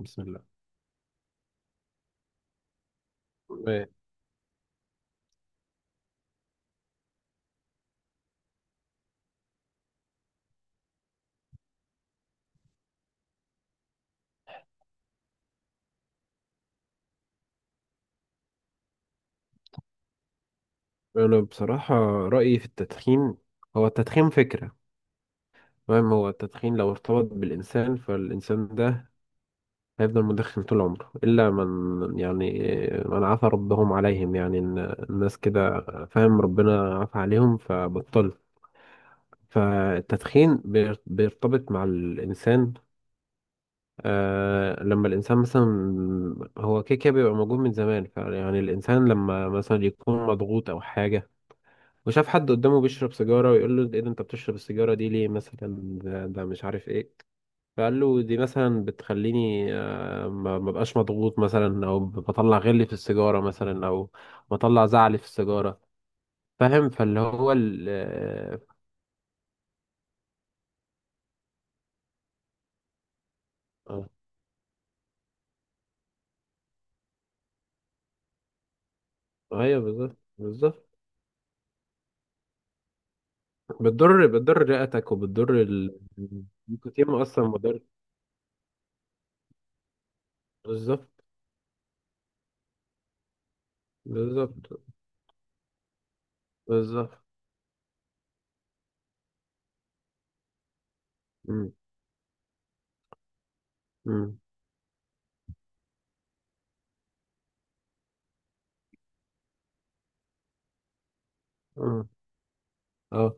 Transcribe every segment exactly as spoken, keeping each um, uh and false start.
بسم الله. أنا بصراحة رأيي في التدخين، هو التدخين فكرة. فاهم؟ هو التدخين لو ارتبط بالإنسان فالإنسان ده هيفضل مدخن طول عمره، إلا من يعني من عفى ربهم عليهم، يعني إن الناس كده. فاهم؟ ربنا عفى عليهم فبطل. فالتدخين بير- بيرتبط مع الإنسان. آه لما الإنسان مثلا، هو كده كده بيبقى موجود من زمان، فيعني الإنسان لما مثلا يكون مضغوط أو حاجة وشاف حد قدامه بيشرب سيجارة ويقول له ايه ده، انت بتشرب السيجارة دي ليه مثلا، ده, ده مش عارف ايه. فقال له دي مثلا بتخليني آه، ما ما بقاش مضغوط مثلا، او بطلع غلي في السيجارة مثلا، او بطلع زعلي في السيجارة. فاهم؟ فاللي هو ال آه، آه، ايوه بالظبط بالظبط. بتضر بتضر رئتك وبتضر ال- النيكوتين اصلا مضر. بالظبط بالظبط بالظبط. مم، مم، مم. اه.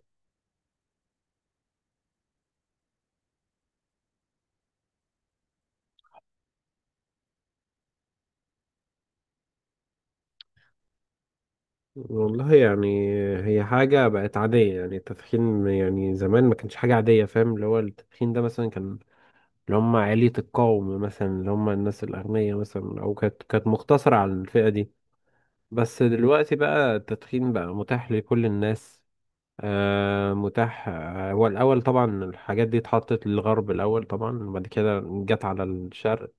والله يعني هي حاجة بقت عادية يعني التدخين. يعني زمان ما كانش حاجة عادية، فاهم؟ اللي هو التدخين ده مثلا كان اللي هم عالية القوم مثلا، اللي هم الناس الأغنياء مثلا، أو كانت كانت مقتصرة على الفئة دي. بس دلوقتي بقى التدخين بقى متاح لكل الناس. آه متاح. آه، هو الأول طبعا الحاجات دي اتحطت للغرب الأول طبعا، وبعد كده جت على الشرق.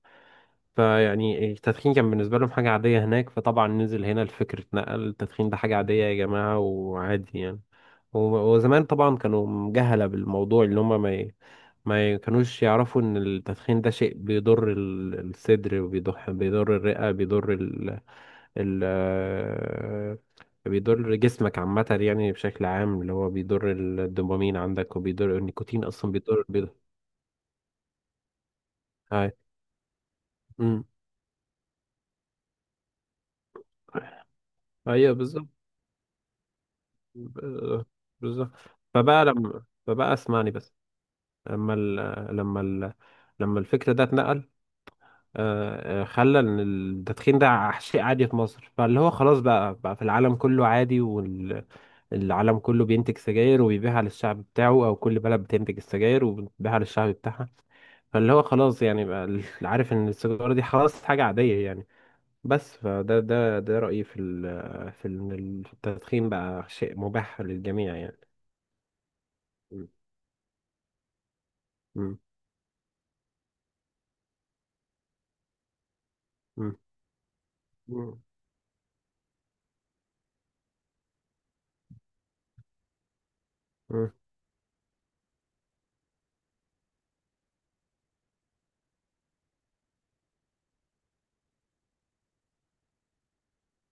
فيعني التدخين كان بالنسبة لهم حاجة عادية هناك، فطبعا نزل هنا الفكر، اتنقل التدخين ده حاجة عادية يا جماعة وعادي يعني. و- وزمان طبعا كانوا مجهلة بالموضوع، اللي هم ما ي- ما ي- كانوش يعرفوا ان التدخين ده شيء بيضر ال- الصدر، وبيضر بيضر الرئة، بيضر ال ال آه، بيضر جسمك عامة يعني، بشكل عام اللي هو بيضر الدوبامين عندك، وبيضر، النيكوتين اصلا بيضر بيضر. هاي. مم. ايوه بالظبط. ب- بالظبط. فبقى لما فبقى اسمعني بس. لما ال... لما ال... لما الفكر ده اتنقل. آه، آه، خلى ان التدخين ده شيء عادي في مصر، فاللي هو خلاص بقى بقى في العالم كله عادي، والعالم كله بينتج سجاير وبيبيعها للشعب بتاعه، او كل بلد بتنتج السجاير وبتبيعها للشعب بتاعها. فاللي هو خلاص يعني بقى ال- عارف ان السيجارة دي خلاص حاجة عادية يعني. بس فده ده ده رأيي في ال... في إن التدخين بقى شيء مباح للجميع يعني. مم. مم. مم. مم.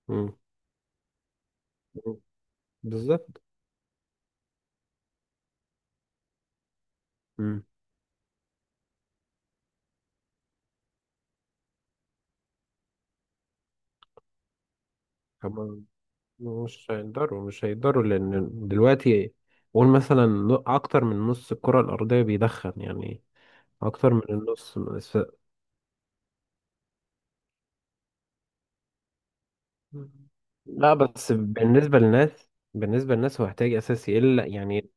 مم. بالظبط. مم. هما مش هيقدروا مش هيقدروا لأن دلوقتي، قول مثلا، ن- أكتر من نص الكرة الأرضية بيدخن يعني. أكتر من النص. ف- لا، بس بالنسبة للناس بالنسبة للناس هو احتياج أساسي، إلا يعني.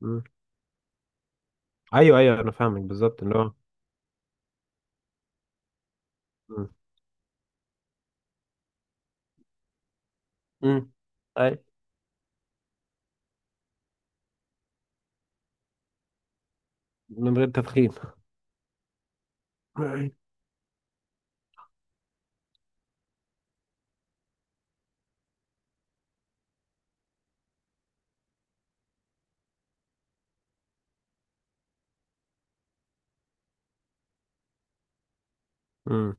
مم. أيوه أيوه أنا فاهمك بالظبط إن هو. مم. مم. أي. من غير تدخين. مم. مم.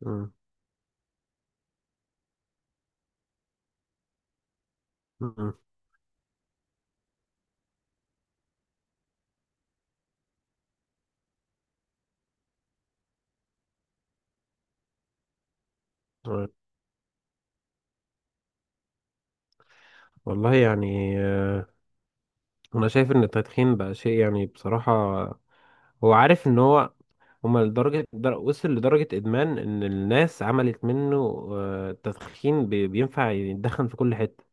مم. مم. والله يعني انا شايف ان التدخين بقى شيء يعني بصراحة هو عارف ان هو، هما لدرجة، در- وصل لدرجة ادمان، ان الناس عملت منه آه، تدخين. بي- بينفع يتدخن في كل حتة،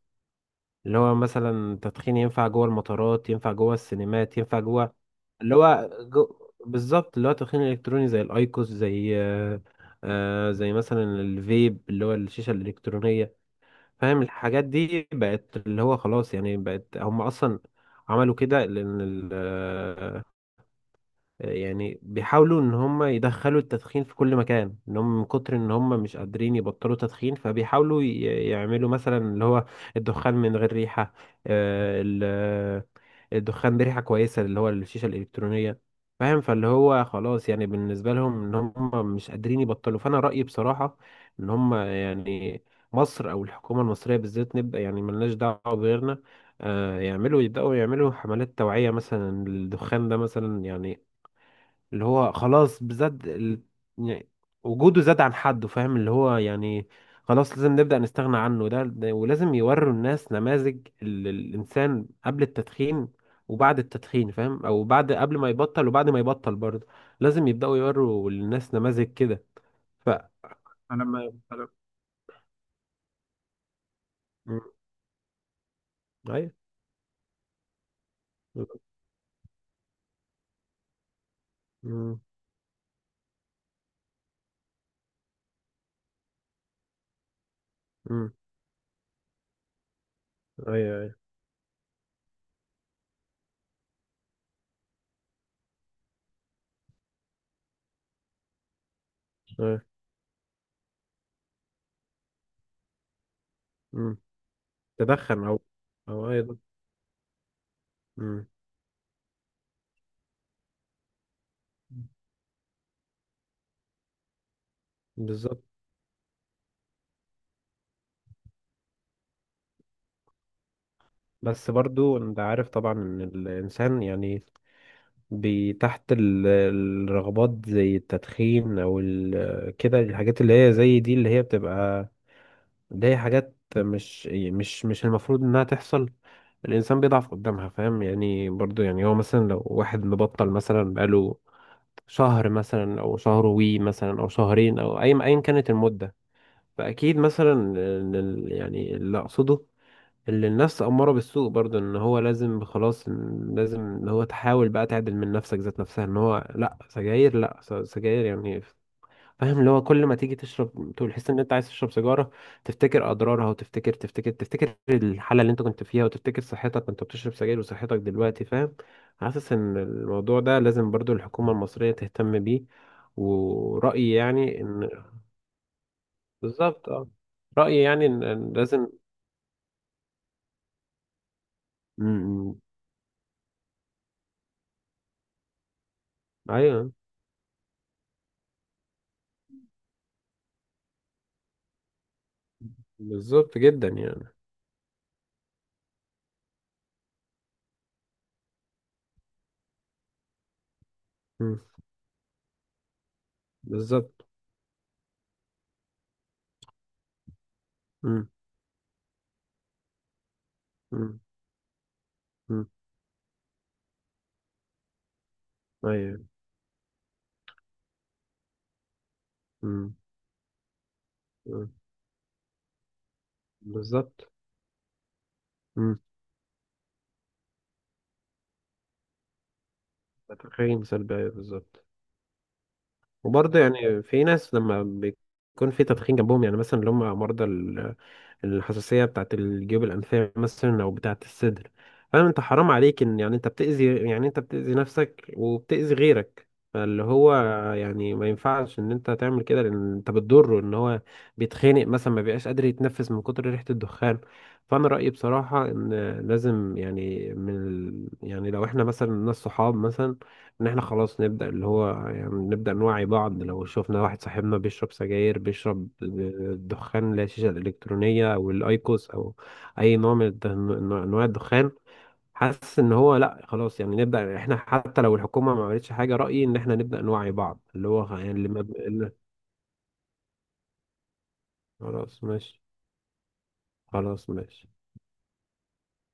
اللي هو مثلا تدخين ينفع جوه المطارات، ينفع جوه السينمات، ينفع جوه اللي هو جو... بالظبط. اللي هو التدخين الالكتروني زي الايكوس، زي آه، آه، زي مثلا الفيب، اللي هو الشيشة الالكترونية. فاهم؟ الحاجات دي بقت اللي هو خلاص يعني، بقت، هم اصلا عملوا كده لان ال- يعني بيحاولوا ان هم يدخلوا التدخين في كل مكان، ان هم من كتر ان هم مش قادرين يبطلوا تدخين، فبيحاولوا ي- يعملوا مثلا اللي هو الدخان من غير ريحة، آه، ال- الدخان بريحة كويسة اللي هو الشيشة الإلكترونية. فاهم؟ فاللي هو خلاص يعني بالنسبة لهم، ان هم مش قادرين يبطلوا. فانا رأيي بصراحة ان هم يعني، مصر او الحكومة المصرية بالذات، نبقى يعني ملناش دعوة بغيرنا، آه، يعملوا يبدأوا يعملوا حملات توعية مثلا، الدخان ده مثلا يعني اللي هو خلاص بزاد ال... يعني وجوده زاد عن حده. فاهم؟ اللي هو يعني خلاص لازم نبدأ نستغنى عنه. ده, ده ولازم يوروا الناس نماذج ال... الإنسان قبل التدخين وبعد التدخين. فاهم؟ أو بعد، قبل ما يبطل وبعد ما يبطل برضه، لازم يبدأوا يوروا للناس نماذج كده. ف أنا ما أنا- مم. أيوه. مم. مم. أيوه أيوه أيوه. مم. تدخن. أو أو أيوه. مم. بالظبط. بس برضو انت عارف طبعا ان الانسان يعني بي- تحت ال- الرغبات زي التدخين، او ال- كده الحاجات اللي هي زي دي، اللي هي بتبقى اللي هي حاجات مش مش مش المفروض انها تحصل، الانسان بيضعف قدامها. فاهم يعني؟ برضو يعني، هو مثلا لو واحد مبطل مثلا بقاله شهر مثلا، او شهر وي مثلا، او شهرين، او اي ايا كانت المدة، فاكيد مثلا ال- ال- يعني اللي اقصده، اللي الناس أمارة بالسوء برضه، إن هو لازم خلاص، إن لازم إن هو تحاول بقى تعدل من نفسك ذات نفسها، إن هو لأ سجاير، لأ س- سجاير يعني. فاهم؟ اللي هو كل ما تيجي تشرب تقول تحس إن أنت عايز تشرب سيجارة، تفتكر أضرارها، وتفتكر تفتكر تفتكر الحالة اللي أنت كنت فيها، وتفتكر صحتك وأنت بتشرب سجاير وصحتك دلوقتي. فاهم؟ حاسس إن الموضوع ده لازم برضه الحكومة المصرية تهتم بيه. ورأيي يعني إن، بالظبط. أه. رأيي يعني إن إن لازم. م- م- أيوه بالظبط جدا يعني. مم. بالظبط. مم. مم. مم. ايوه. مم. مم. بالظبط. مم. تدخين سلبي، ايوه بالظبط. وبرضه يعني في ناس لما بيكون في تدخين جنبهم، يعني مثلا اللي هم مرضى الحساسية بتاعت الجيوب الأنفية مثلا أو بتاعت الصدر، فاهم؟ أنت حرام عليك إن يعني أنت بتأذي، يعني أنت بتأذي نفسك وبتأذي غيرك. فاللي هو يعني ما ينفعش إن أنت تعمل كده، لأن أنت بتضره إن هو بيتخانق مثلا، ما بيبقاش قادر يتنفس من كتر ريحة الدخان. فأنا رأيي بصراحة إن لازم يعني، من ال... يعني لو إحنا مثلا ناس صحاب مثلا، إن إحنا خلاص نبدأ اللي هو يعني نبدأ نوعي بعض، لو شفنا واحد صاحبنا بيشرب سجاير، بيشرب دخان اللي هي الشيشة الإلكترونية أو الأيكوس أو أي نوع من الد- أنواع الدخان، حاسس إن هو لأ خلاص، يعني نبدأ إحنا حتى لو الحكومة ما عملتش حاجة. رأيي إن إحنا نبدأ نوعي بعض، اللي هو يعني اللي ما ب- اللي- خلاص ماشي. خلاص ماشي.